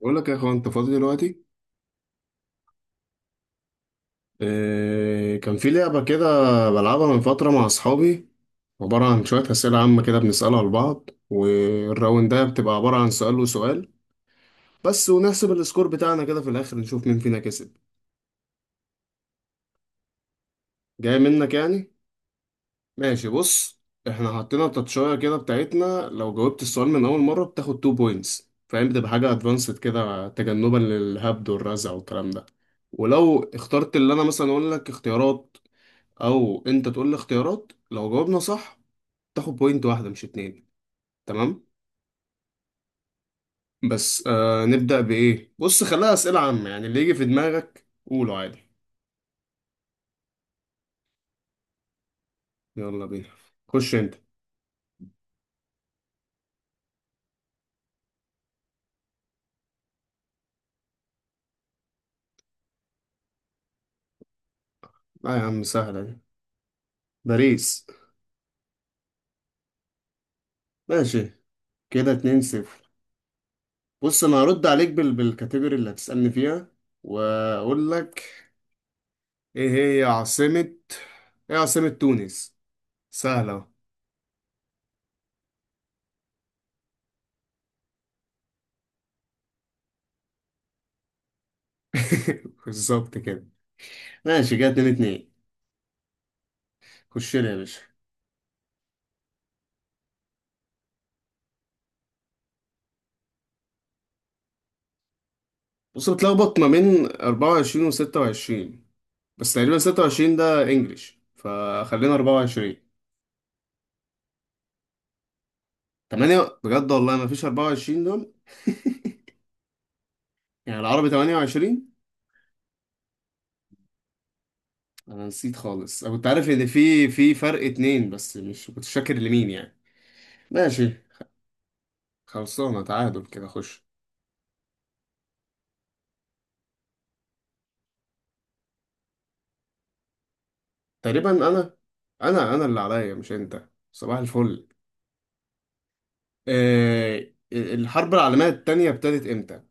بقول لك يا اخوان، انت فاضي دلوقتي؟ إيه، كان في لعبة كده بلعبها من فترة مع اصحابي. عبارة عن شوية أسئلة عامة كده بنسألها لبعض، والراوند ده بتبقى عبارة عن سؤال وسؤال بس، ونحسب السكور بتاعنا كده في الآخر نشوف مين فينا كسب. جاي منك يعني. ماشي، بص. احنا حطينا التاتشاية كده بتاعتنا، لو جاوبت السؤال من أول مرة بتاخد 2 بوينتس، فاهم؟ بتبقى حاجة ادفانسد كده تجنبا للهبد والرزع والكلام ده. ولو اخترت اللي انا مثلا اقول لك اختيارات، او انت تقول لي اختيارات، لو جاوبنا صح تاخد بوينت واحده مش اتنين. تمام؟ بس نبدا بايه. بص، خليها اسئله عامه يعني، اللي يجي في دماغك قوله عادي. يلا بينا، خش انت. لا يا عم، سهله دي. باريس. ماشي، كده اتنين صفر. بص، انا هرد عليك بالكاتيجوري اللي هتسالني فيها واقول لك ايه. هي عاصمه ايه، عاصمه تونس. سهله أهو. بالظبط كده. ماشي، كده اتنين اتنين. خش لي يا باشا. بص، بتلخبط ما بين 24 و 26، بس تقريبا 26 ده انجليش فخلينا 24. 8 بجد؟ والله ما فيش 24 دول. يعني العربي 28. انا نسيت خالص، انا كنت عارف ان في فرق اتنين بس مش كنت فاكر لمين يعني. ماشي، خلصانه تعادل كده، خش. تقريبا انا اللي عليا مش انت. صباح الفل. آه الحرب العالميه التانية ابتدت امتى؟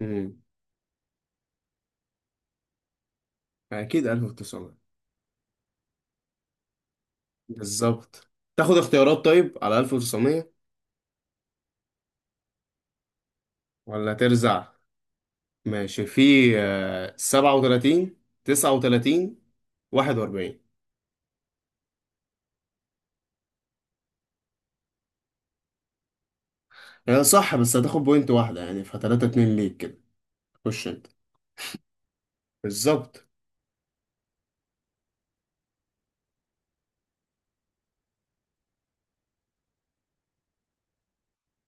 امم اكيد 1900. بالظبط، تاخد اختيارات طيب على 1900 ولا ترزع؟ ماشي، في 37، 39، 41. هي صح بس هتاخد بوينت واحدة يعني، ف 3 2 ليك كده. خش انت. بالظبط.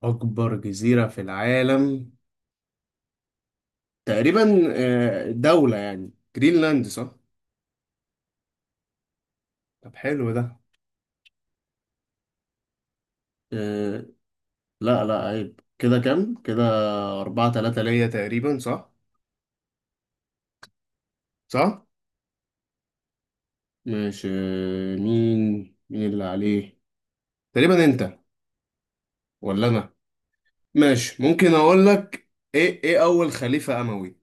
أكبر جزيرة في العالم تقريبا دولة يعني، جرينلاند صح؟ طب حلو ده. آه، لا لا، عيب. كده كام؟ كده أربعة تلاتة ليا تقريبا صح؟ صح؟ ماشي. مين اللي عليه؟ تقريبا انت ولا انا؟ ماشي، ممكن اقول لك. ايه، اول خليفة اموي.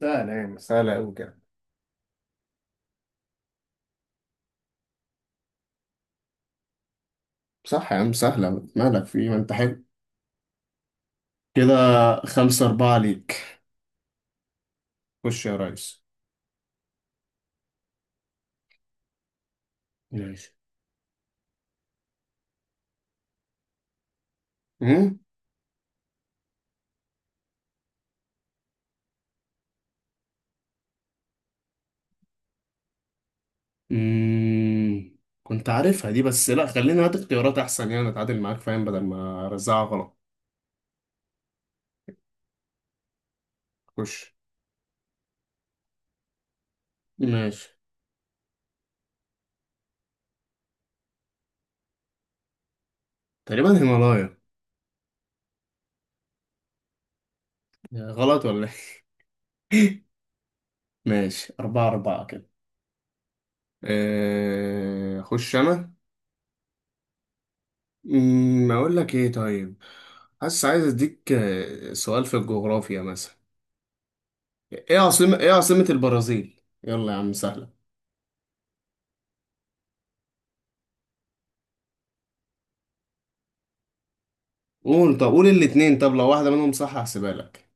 سهلة يعني، سهلة أوي كده. صح يا عم، سهلة. مالك في إيه؟ ما أنت حلو. كده خمسة أربعة ليك، خش يا ريس. ماشي. أمم. أمم. كنت عارفها دي بس لا، خلينا هات اختيارات أحسن يعني، أتعادل معاك فاهم، بدل ما أرزعها غلط. خش. ماشي، تقريبا هيمالايا. غلط ولا؟ إيه؟ ماشي، أربعة أربعة كده. أخش أنا. اقول لك ايه طيب، حاسس عايز اديك سؤال في الجغرافيا مثلا. ايه عاصمة البرازيل، يلا يا عم سهلة. قول، طب قول الاتنين، طب لو واحدة منهم صح هحسبها لك.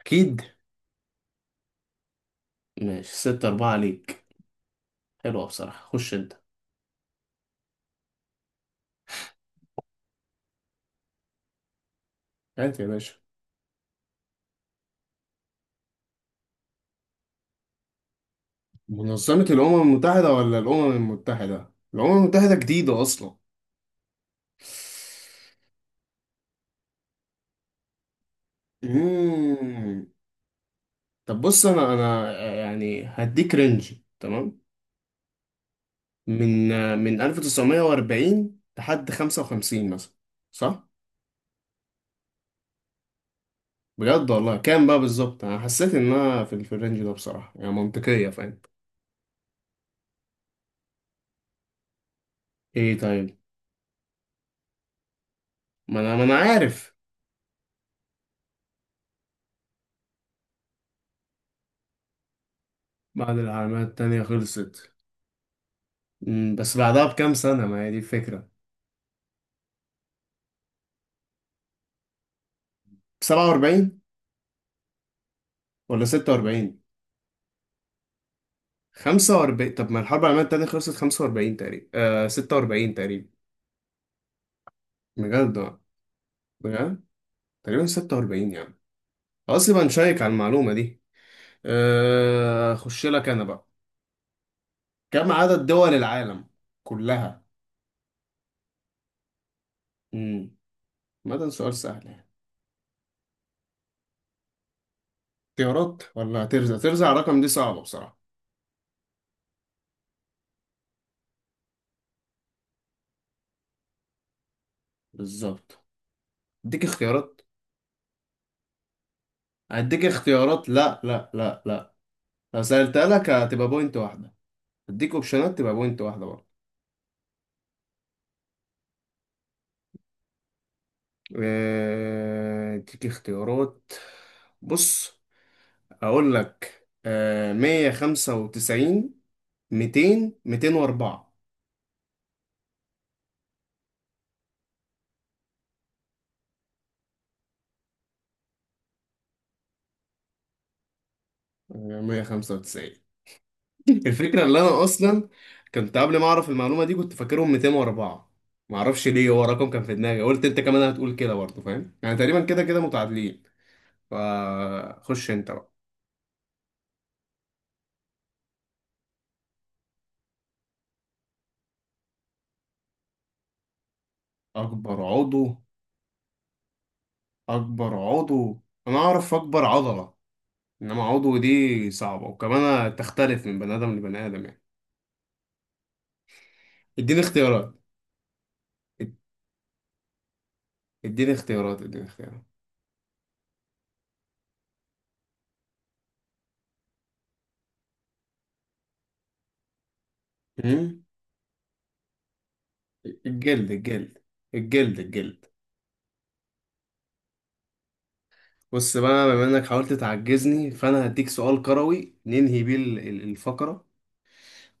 اكيد. ماشي، ستة أربعة ليك. حلوة بصراحة، خش انت. هات يا باشا. منظمة الأمم المتحدة ولا الأمم المتحدة؟ الأمم المتحدة جديدة أصلا. أمم. طب بص، أنا يعني هديك رينج، تمام؟ من 1940 لحد 55 مثلا صح؟ بجد والله كام بقى بالظبط؟ انا حسيت ان انا في الرينج ده بصراحة يعني، منطقية فاهم. ايه طيب. ما انا عارف. بعد العالمية التانية خلصت. بس بعدها بكام سنة، ما هي دي الفكرة. 47 ولا 46؟ 45؟ طب ما الحرب العالمية التانية خلصت 45 تقريبا، 46 تقريبا. بجد آه. بجد. تقريبا 46 يعني، خلاص يبقى نشيك على المعلومة دي. اخش لك انا بقى. كم عدد دول العالم كلها؟ امم. ما ده سؤال سهل يعني. اختيارات ولا ترزع الرقم؟ دي صعبة بصراحة. بالظبط، اديك اختيارات. هديك اختيارات، لا لا لا لا. لو سألتها لك هتبقى بوينت واحدة، اديك اوبشنات تبقى بوينت واحدة برضه. اديك اختيارات. بص، اقول لك 195. 204. 195. الفكرة اللي أنا أصلا كنت قبل ما أعرف المعلومة دي كنت فاكرهم 204. معرفش ليه، هو رقم كان في دماغي. قلت أنت كمان هتقول كده برضه فاهم، يعني تقريبا كده كده متعادلين. فخش أنت بقى. أكبر عضو. أكبر عضو. أنا أعرف أكبر عضلة، إنما عضو دي صعبة، وكمان تختلف من بني آدم لبني آدم يعني. إديني اختيارات. إد- إديني اختيارات، إديني اختيارات. أمم؟ الجلد، الجلد. الجلد، الجلد. بص بقى، بما انك حاولت تعجزني فانا هديك سؤال كروي ننهي بيه الفقرة.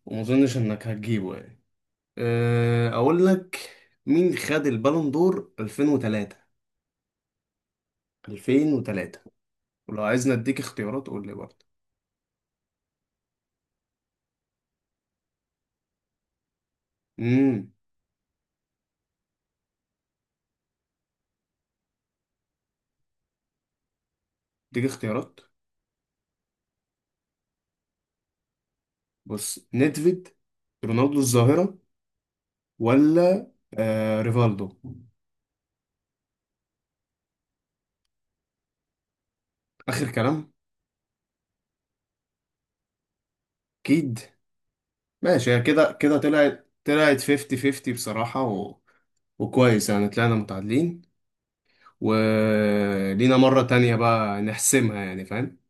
وما اظنش انك هتجيبه يعني. اقول لك، مين خد البالون دور 2003؟ 2003. ولو عايزني اديك اختيارات قول لي برضه. امم. اديك اختيارات. بص، نيدفيد، رونالدو الظاهرة، ولا ريفالدو؟ اخر كلام. اكيد. ماشي، هي كده كده طلعت، 50 50 بصراحة وكويس يعني، طلعنا متعادلين. ولينا مرة تانية بقى نحسمها يعني فاهم.